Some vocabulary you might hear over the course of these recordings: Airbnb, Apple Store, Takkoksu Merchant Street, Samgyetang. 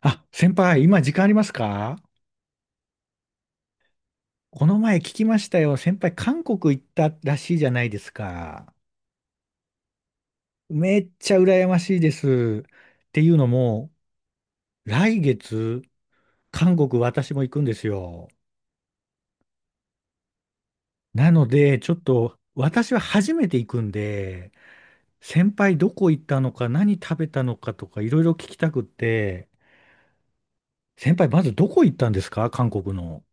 あ、先輩、今時間ありますか？この前聞きましたよ。先輩、韓国行ったらしいじゃないですか。めっちゃ羨ましいです。っていうのも、来月、韓国私も行くんですよ。なので、ちょっと私は初めて行くんで、先輩どこ行ったのか、何食べたのかとか、いろいろ聞きたくって、先輩、まずどこ行ったんですか韓国の？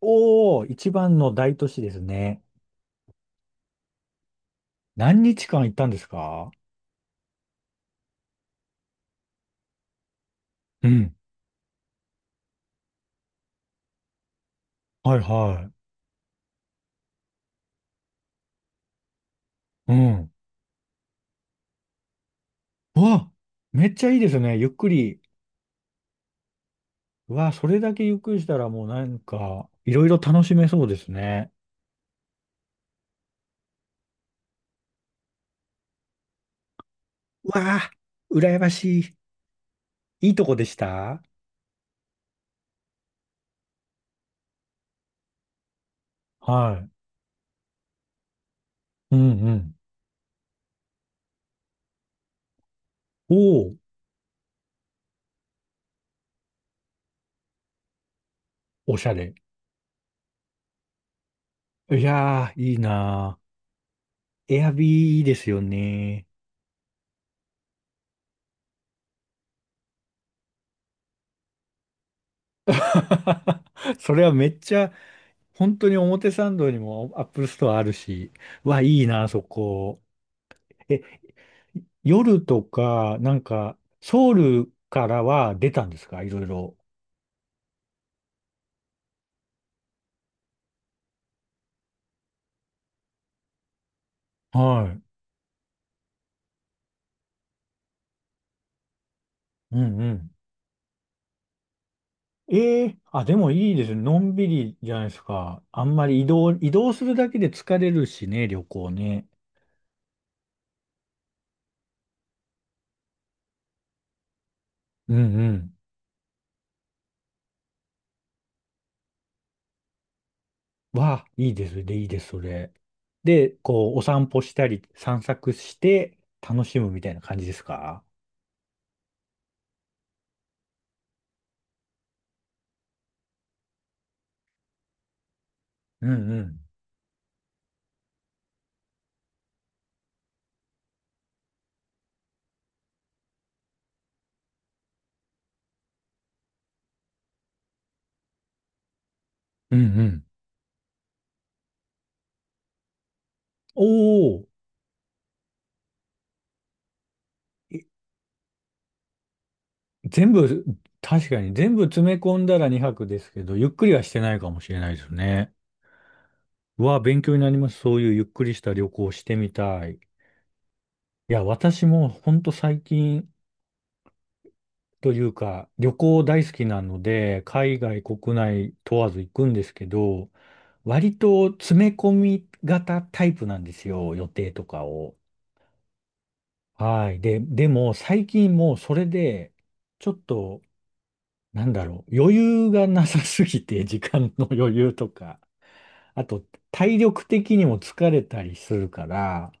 おー、一番の大都市ですね。何日間行ったんですか？うん。はいはい。うん。うわ、めっちゃいいですね。ゆっくり。うわ、それだけゆっくりしたらもうなんか、いろいろ楽しめそうですね。うわあ、羨ましい。いいとこでした？はい。うんうん。おお、おしゃれ。いやー、いいなー。エアビーですよね。それはめっちゃ、本当に表参道にもアップルストアあるし。うわ、いいなー、そこ。え、夜とか、なんか、ソウルからは出たんですか？いろいろ。はい。うんうん。ええ、あ、でもいいですね。のんびりじゃないですか。あんまり移動するだけで疲れるしね、旅行ね。うんうん。わあ、いいですね。で、いいです、それ。で、こう、お散歩したり、散策して、楽しむみたいな感じですか？うんうん。うんうん。おー、全部、確かに全部詰め込んだら2泊ですけど、ゆっくりはしてないかもしれないですね。うわ、勉強になります。そういうゆっくりした旅行をしてみたい。いや、私もほんと最近というか、旅行大好きなので、海外、国内問わず行くんですけど、割と詰め込み型タイプなんですよ、予定とかを。はい。でも最近もうそれで、ちょっと、なんだろう、余裕がなさすぎて、時間の余裕とか。あと、体力的にも疲れたりするから、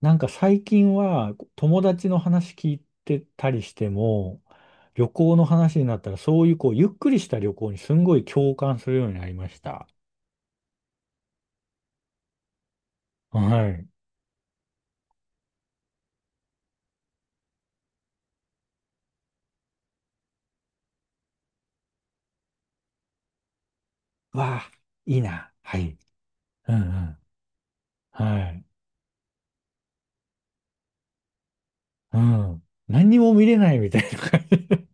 なんか最近は友達の話聞いてたりしても、旅行の話になったら、そういうこう、ゆっくりした旅行にすんごい共感するようになりました。はい。わあ、いいな。はい。うんうん。はい。うん。何にも見れないみたいな感じ。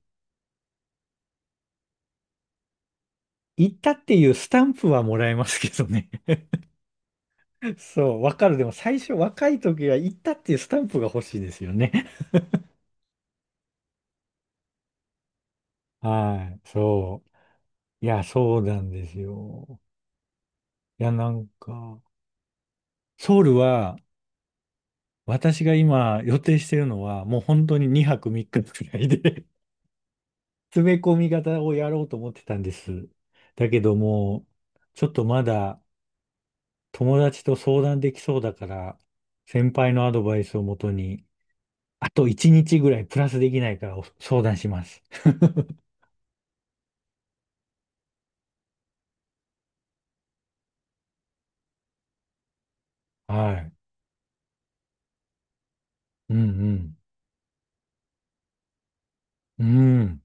行ったっていうスタンプはもらえますけどね。そう、わかる。でも最初若い時は行ったっていうスタンプが欲しいですよね。はい。そう。いや、そうなんですよ。いや、なんか、ソウルは、私が今予定してるのは、もう本当に2泊3日くらいで 詰め込み型をやろうと思ってたんです。だけども、ちょっとまだ友達と相談できそうだから、先輩のアドバイスをもとに、あと1日ぐらいプラスできないからお相談します。はい。うんうん。うん。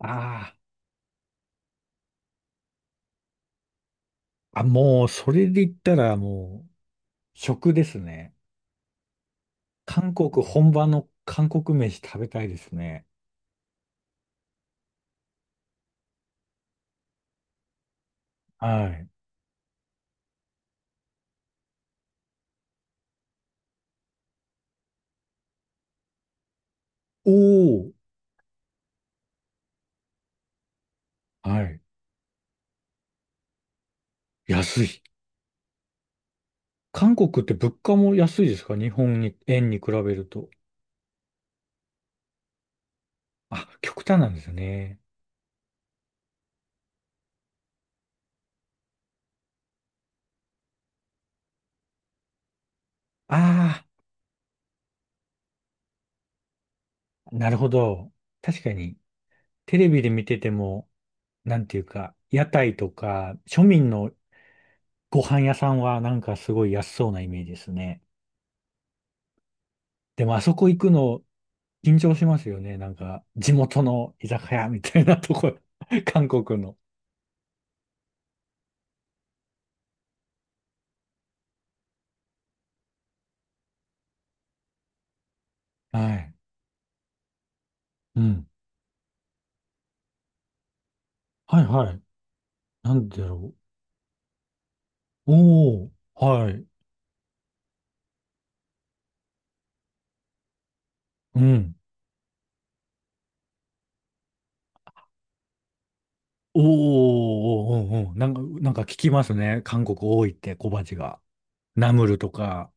あもう、それで言ったらもう、食ですね。韓国、本場の韓国飯食べたいですね。はい。おー。はい。安い。韓国って物価も安いですか？日本に、円に比べると。あ、極端なんですね。ああ、なるほど。確かに、テレビで見てても、なんていうか、屋台とか、庶民のご飯屋さんはなんかすごい安そうなイメージですね。でもあそこ行くの、緊張しますよね。なんか、地元の居酒屋みたいなとこ、韓国の。はい。うん。はいはい。なんでだろう。おー、はい。うん。おー、おー、おー、おー、なんか聞きますね。韓国多いって小鉢が。ナムルとか。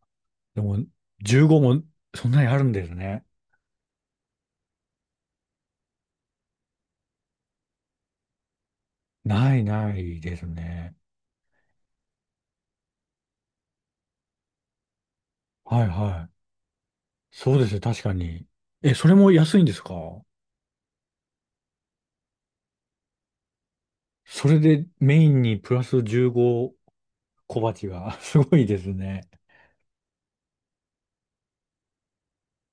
でも、15もそんなにあるんですね。ないないですね。はいはい。そうですよ、確かに。え、それも安いんですか？それでメインにプラス15小鉢が。すごいですね。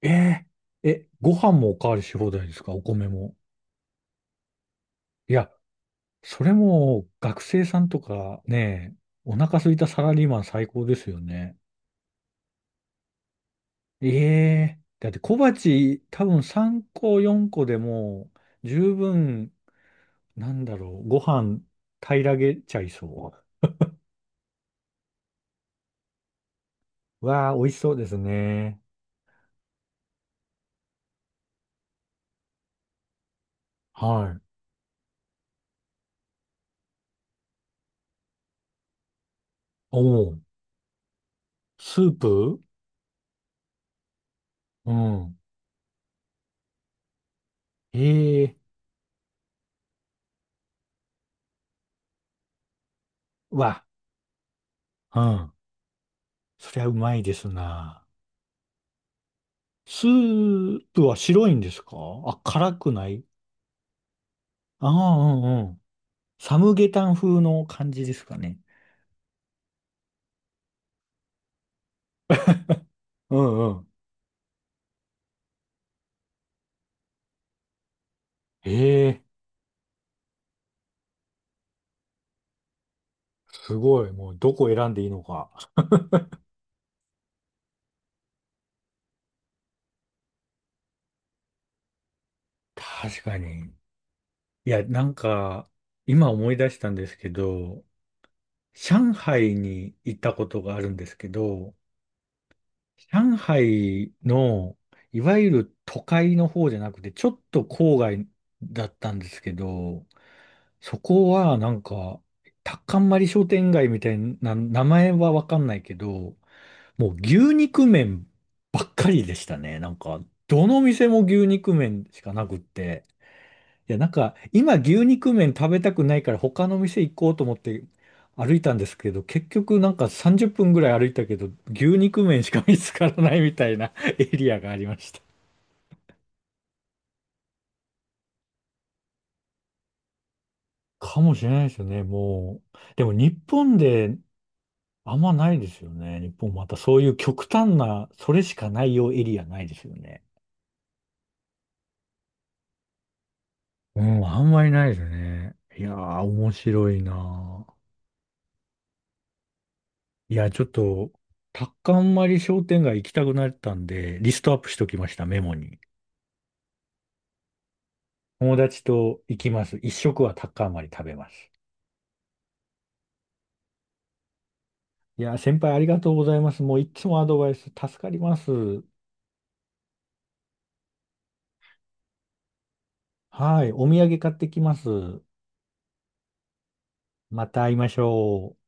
えーえ、ご飯もおかわりし放題ですか？お米も。いや、それも学生さんとかね、お腹空いたサラリーマン最高ですよね。ええ、だって小鉢多分3個4個でも十分、なんだろう、ご飯平らげちゃいそう。わあ、美味しそうですね。はい。おお、スープ、うん。ええ、わ、うん。そりゃうまいですな。スープは白いんですか？あ、辛くない？ああ、うん、サムゲタン風の感じですかね。うんうん。ええ、すごい。もうどこ選んでいいのか。確かに。いや、なんか、今思い出したんですけど、上海に行ったことがあるんですけど、上海の、いわゆる都会の方じゃなくて、ちょっと郊外だったんですけど、そこはなんか、タッカンマリ商店街みたいな、名前はわかんないけど、もう牛肉麺ばっかりでしたね。なんか、どの店も牛肉麺しかなくって。いや、なんか、今牛肉麺食べたくないから他の店行こうと思って歩いたんですけど、結局なんか30分ぐらい歩いたけど、牛肉麺しか見つからないみたいな エリアがありました。かもしれないですよね、もう。でも日本であんまないですよね。日本またそういう極端な、それしかないようエリアないですよね。うん、あんまりないですね。いやー、面白いなー。いや、ちょっと、タッカンマリ商店街行きたくなったんで、リストアップしときました、メモに。友達と行きます。一食はタッカンマリ食べます。いやー、先輩ありがとうございます。もういつもアドバイス助かります。はい、お土産買ってきます。また会いましょう。